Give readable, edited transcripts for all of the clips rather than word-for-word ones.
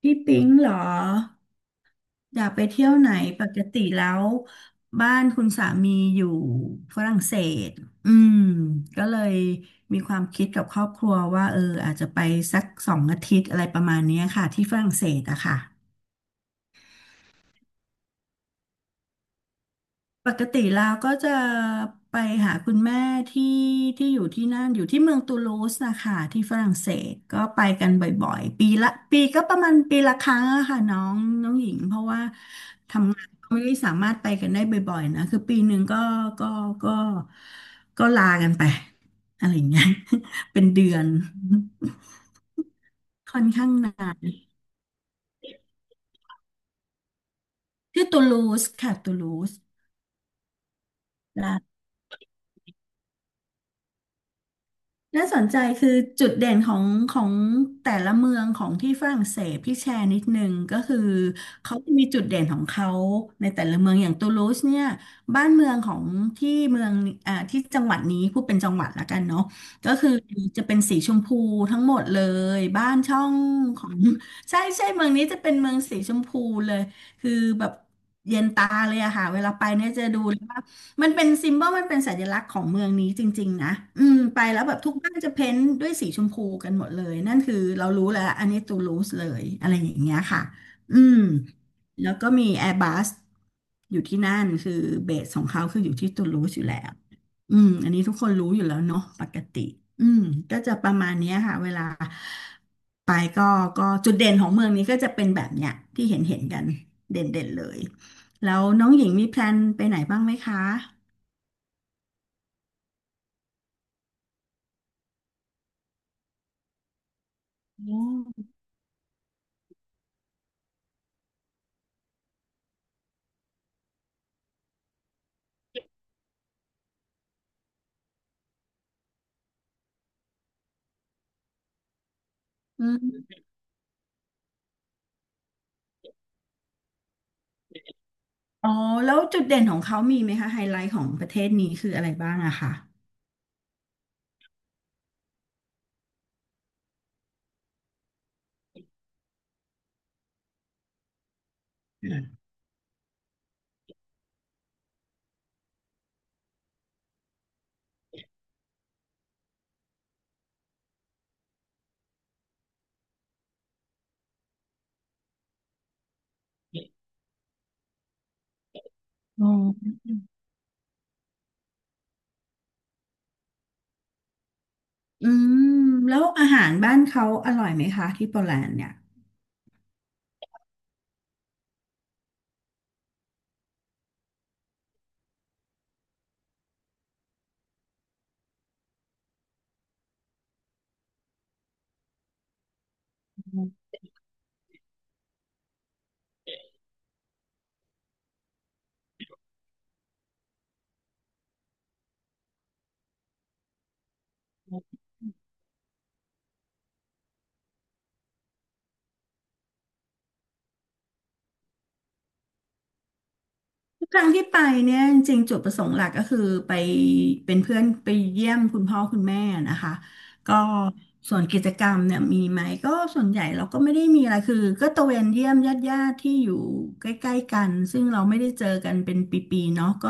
พี่ปิ๊งเหรออยากไปเที่ยวไหนปกติแล้วบ้านคุณสามีอยู่ฝรั่งเศสอืมก็เลยมีความคิดกับครอบครัวว่าอาจจะไปสักสองอาทิตย์อะไรประมาณเนี้ยค่ะที่ฝรั่งเศสอะค่ะ ปกติแล้วก็จะไปหาคุณแม่ที่ที่อยู่ที่นั่นอยู่ที่เมืองตูลูสนะคะที่ฝรั่งเศสก็ไปกันบ่อยๆปีละปีก็ประมาณปีละครั้งอะค่ะน้องน้องหญิงเพราะว่าทำงานก็ไม่ได้สามารถไปกันได้บ่อยๆนะคือปีหนึ่งก็ก็ก็ลากันไปอะไรอย่างเงี้ย เป็นเดือนค่อนข้างนานที่ตูลูสค่ะตูลูส น่าสนใจคือจุดเด่นของแต่ละเมืองของที่ฝรั่งเศสพี่แชร์นิดนึงก็คือเขาจะมีจุดเด่นของเขาในแต่ละเมืองอย่างตูลูสเนี่ยบ้านเมืองของที่เมืองที่จังหวัดนี้พูดเป็นจังหวัดละกันเนาะก็คือจะเป็นสีชมพูทั้งหมดเลยบ้านช่องของ ใช่ใช่เมืองนี้จะเป็นเมืองสีชมพูเลยคือแบบเย็นตาเลยอะค่ะเวลาไปเนี่ยจะดูเลยว่า มันเป็นซิม b บ l มันเป็นสัญลักษณ์ของเมืองนี้จริงๆนะไปแล้วแบบทุกบ้านจะเพ้นท์ด้วยสีชมพูกันหมดเลย นั่นคือเรารู้แล้วอันนี้ตูลูสเลยอะไรอย่างเงี้ยค่ะอืมแล้วก็มีแอร์บัสอยู่ที่นั่นคือเบสของเขาคืออยู่ที่ตูลูสอยู่แล้วอันนี้ทุกคนรู้อยู่แล้วเนาะปกติอืมก็จะประมาณเนี้ยค่ะเวลาไปก็ก็จุดเด่นของเมืองนี้ก็จะเป็นแบบเนี้ยที่เห็นเห็นกันเด่นเด่นเลยแล้วน้องหญิงมีแพลนไปไหนบ้างไหมคะ อืมอ๋อแล้วจุดเด่นของเขามีไหมคะไฮไลท์ของประเทศนี้คืออะไรบ้างอะค่ะอืมอ๋ออืมแล้วอาหารบ้านเขาอร่อยไหมคะที่โปแลนด์เนี่ย ทุกครั้งที่ไปเนี่ยจริงๆจุดประสงค์หลักก็คือไปเป็นเพื่อนไปเยี่ยมคุณพ่อคุณแม่นะคะก็ส่วนกิจกรรมเนี่ยมีไหมก็ส่วนใหญ่เราก็ไม่ได้มีอะไรคือก็ตระเวนเยี่ยมญาติญาติที่อยู่ใกล้ๆกันซึ่งเราไม่ได้เจอกันเป็นปีๆเนาะก็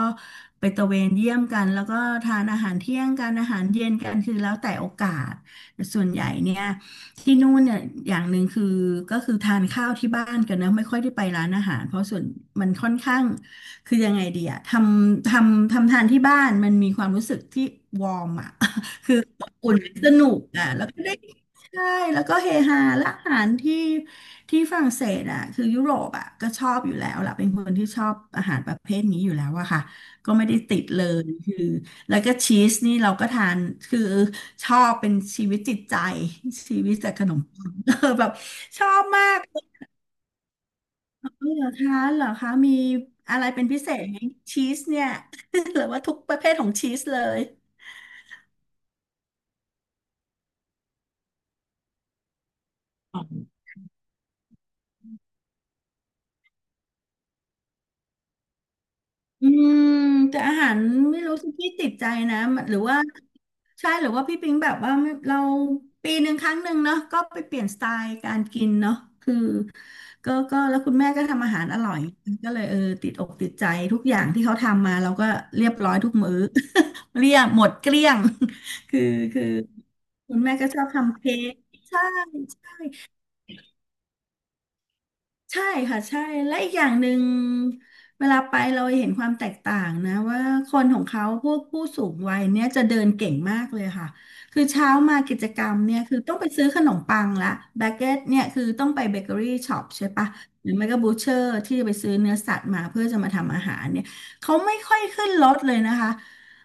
ไปตระเวนเยี่ยมกันแล้วก็ทานอาหารเที่ยงกันอาหารเย็นกันคือแล้วแต่โอกาสแต่ส่วนใหญ่เนี่ยที่นู่นเนี่ยอย่างหนึ่งคือก็คือทานข้าวที่บ้านกันนะไม่ค่อยได้ไปร้านอาหารเพราะส่วนมันค่อนข้าง คือยังไงดีอะทำทานที่บ้านมันมีความรู้สึกที่วอร์มอะอุ่นสนุกอะแล้วก็ได้ใช่แล้วก็เฮฮาและอาหารที่ที่ฝรั่งเศสอะคือยุโรปอะก็ชอบอยู่แล้วล่ะเป็นคนที่ชอบอาหารประเภทนี้อยู่แล้วอะค่ะ ก็ไม่ได้ติดเลยคือแล้วก็ชีสนี่เราก็ทานคือชอบเป็นชีวิตจิตใจชีวิตจากขนมปัง แบบชอบมาก อ๋อเหรอคะเหรอคะมีอะไรเป็นพิเศษไหมชีสเนี่ย หรือว่าทุกประเภทของชีสเลย อืมแต่อาหารไม่รู้สิพี่ติดใจนะมันหรือว่าใช่หรือว่าพี่ปิงแบบว่าไม่เราปีหนึ่งครั้งหนึ่งเนาะก็ไปเปลี่ยนสไตล์การกินเนาะคือก็แล้วคุณแม่ก็ทำอาหารอร่อยก็เลยติดอกติดใจทุกอย่างที่เขาทำมาเราก็เรียบร้อยทุกมื้อ เรียบหมดเกลี้ยง คือคือคุณแม่ก็ชอบทำเค้กใช่ ใช่ค่ะใช่และอีกอย่างหนึ่งเวลาไปเราเห็นความแตกต่างนะว่าคนของเขาพวกผู้สูงวัยเนี่ยจะเดินเก่งมากเลยค่ะคือเช้ามากิจกรรมเนี่ยคือต้องไปซื้อขนมปังละแบเกตเนี่ยคือต้องไปเบเกอรี่ช็อปใช่ปะหรือไม่ก็บูเชอร์ที่จะไปซื้อเนื้อสัตว์มาเพื่อจะมาทำอาหารเนี่ยเขาไม่ค่อยขึ้นรถเลยนะคะ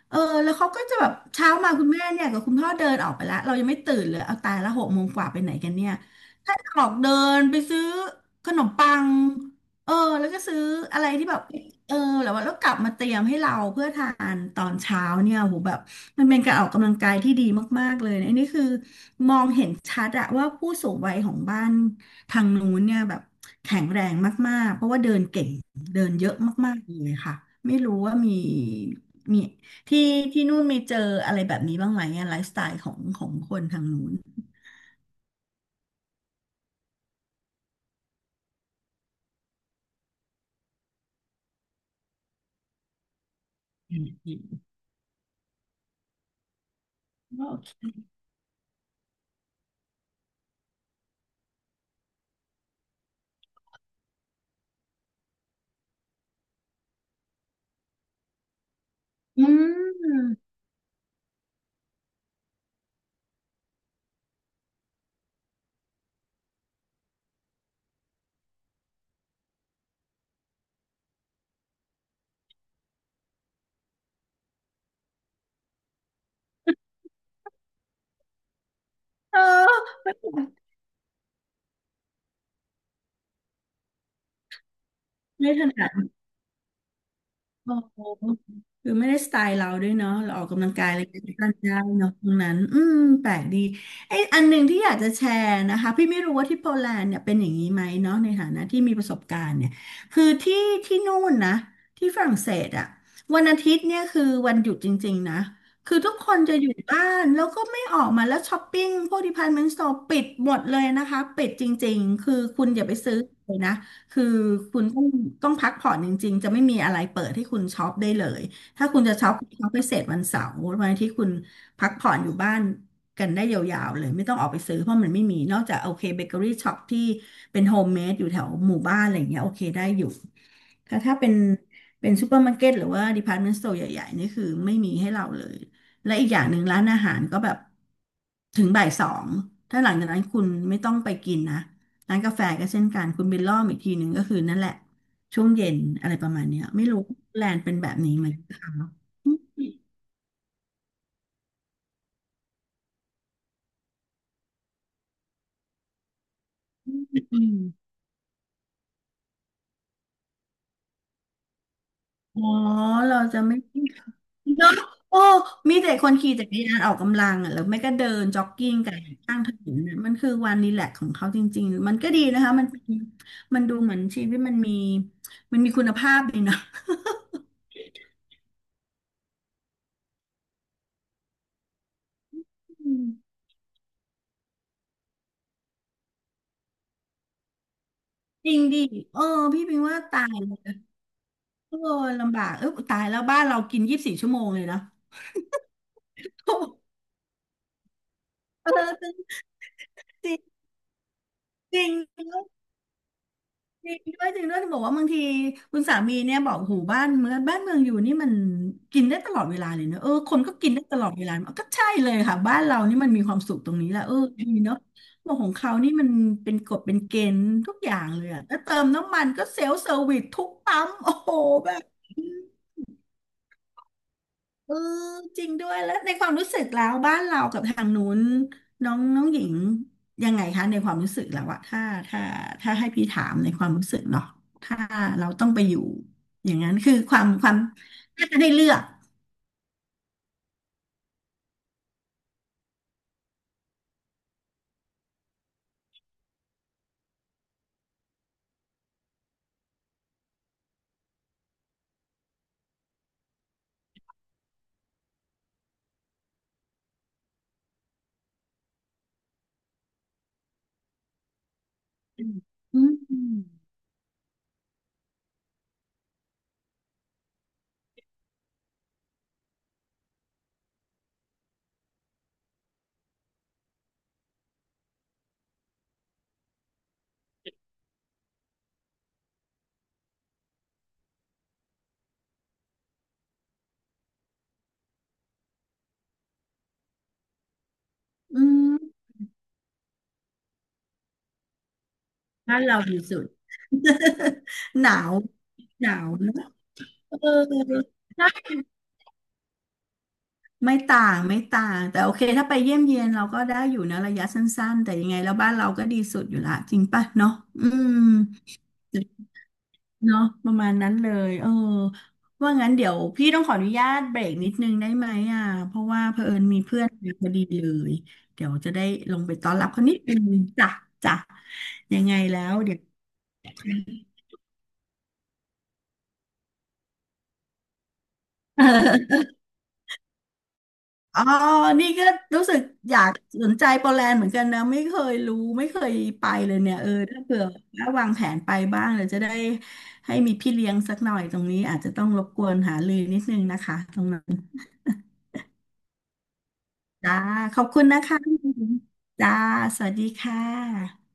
เออแล้วเขาก็จะแบบเช้ามาคุณแม่เนี่ยกับคุณพ่อเดินออกไปแล้วเรายังไม่ตื่นเลยเอาตายละหกโมงกว่าไปไหนกันเนี่ย ถ้าออกเดินไปซื้อขนมปังเออแล้วก็ซื้ออะไรที่แบบเออแล้วว่าแล้วกลับมาเตรียมให้เราเพื่อทานตอนเช้าเนี่ยโหแบบมันเป็นการออกกำลังกายที่ดีมากๆเลยนะอันนี้คือมองเห็นชัดอะว่าผู้สูงวัยของบ้านทางนู้นเนี่ยแบบแข็งแรงมากๆเพราะว่าเดินเก่งเดินเยอะมากๆเลยค่ะไม่รู้ว่ามีที่ที่นู่นมีเจออะไรแบบนี้บ้างไหมอะไลฟ์สไตล์ของคนทางนู้นอืมอืมโอเค เออไม่ถนัดโอ้โหคือไม่ได้สไตล์เราด้วยเนาะเราออกกำลังกายอะไรกันได้เนาะตรงนั้นอืมแปลกดีไอ้ยอันหนึ่งที่อยากจะแชร์นะคะพี่ไม่รู้ว่าที่โปแลนด์เนี่ยเป็นอย่างนี้ไหมเนาะในฐานะที่มีประสบการณ์เนี่ยคือที่นู่นนะที่ฝรั่งเศสอะวันอาทิตย์เนี่ยคือวันหยุดจริงๆนะคือทุกคนจะอยู่บ้านแล้วก็ไม่ออกมาแล้วช้อปปิ้งพวก department store ปิดหมดเลยนะคะปิดจริงๆคือคุณอย่าไปซื้อเลยนะ คือคุณต้องพักผ่อนจริงๆ จะไม่มีอะไรเปิดให้คุณช็อปได้เลย ถ้าคุณจะช็อปคุณช็อปไปเสร็จวันเสาร์วันอาที่คุณพักผ่อนอยู่บ้านกันได้ยาวๆเลยไม่ต้องออกไปซื้อเพราะมันไม่มี นอกจากโอเคเบเกอรี่ช็อปที่เป็นโฮมเมดอยู่แถวหมู่บ้านอะไรอย่างเงี้ยโอเคได้อยู่แต่ถ้าเป็นซูเปอร์มาร์เก็ตหรือว่าดีพาร์ตเมนต์สโตร์ใหญ่ๆนี่คือไม่มีให้เราเลย และอีกอย่างหนึ่งร้านอาหารก็แบบถึงบ่าย 2ถ้าหลังจากนั้นคุณไม่ต้องไปกินนะ ร้านกาแฟก็เช่นกันคุณบิลล่อมอีกทีหนึ่งก็คือนั่นแหละช่วงเย็นอะไรประมาณเนี้ยไม่รู้แลนด์เป็นแบบนี้ไหมอืมอมอ๋อเราจะไม่เนาะโอ้มีแต่คนขี่จักรยานออกกำลังอ่ะแล้วไม่ก็เดินจ็อกกิ้งกันข้างถนนนะมันคือวันรีแลกซ์ของเขาจริงๆมันก็ดีนะคะมันดูเหมือนชีวิตมันมีคุณภาพดีนะอืมจริงดิเออพี่พิงว่าตายเออลำบากเออตายแล้วบ้านเรากิน24 ชั่วโมงเลยนะ เออ จริงจริงด้วยจริงด้วยจริงด้วยจะบอกว่าบางทีคุณสามีเนี่ยบอกหูบ้านเมืองบ้านเมืองอยู่นี่มันกินได้ตลอดเวลาเลยเนอะเออคนก็กินได้ตลอดเวลาก็ใช่เลยค่ะบ้านเรานี่มันมีความสุขตรงนี้แหละเออดีเนาะบอกของเขานี่มันเป็นกฎเป็นเกณฑ์ทุกอย่างเลยอะแล้วเติมน้ำมันก็เซลฟ์เซอร์วิสทุกปั๊มโอ้โหแบบ เออจริงด้วยแล้วในความรู้สึกแล้วบ้านเรากับทางนู้นน้องน้องหญิงยังไงคะในความรู้สึกแล้วอะถ้าถ้าให้พี่ถามในความรู้สึกเนาะถ้าเราต้องไปอยู่อย่างนั้นคือความถ้าจะให้เลือกอืมอืมอืมบ้านเราดีสุด หนาวหนาวเนอะเออใช่ ไม่ต่างไม่ต่างแต่โอเคถ้าไปเยี่ยมเยียนเราก็ได้อยู่นะระยะสั้นๆแต่ยังไงแล้วบ้านเราก็ดีสุดอยู่ละจริงป่ะเนาะอืมเนาะประมาณนั้นเลยเออว่างั้นเดี๋ยวพี่ต้องขออนุญาตเบรกนิดนึงได้ไหมอ่ะเพราะว่าเผอิญมีเพื่อนมาพอดีเลยเดี๋ยวจะได้ลงไปต้อนรับเขานิดนึงจ้ะจ้ะยังไงแล้วเดี๋ยว อ๋อ นี่ก็รู้สึกอยากสนใจโปแลนด์เหมือนกันนะไม่เคยรู้ไม่เคยไปเลยเนี่ยเออถ้าเผื่อว่าวางแผนไปบ้างเดี๋ยวจะได้ให้มีพี่เลี้ยงสักหน่อยตรงนี้อาจจะต้องรบกวนหาลือนิดนึงนะคะตรงนั้น จ้าขอบคุณนะคะจ้าสวัสดีค่ะ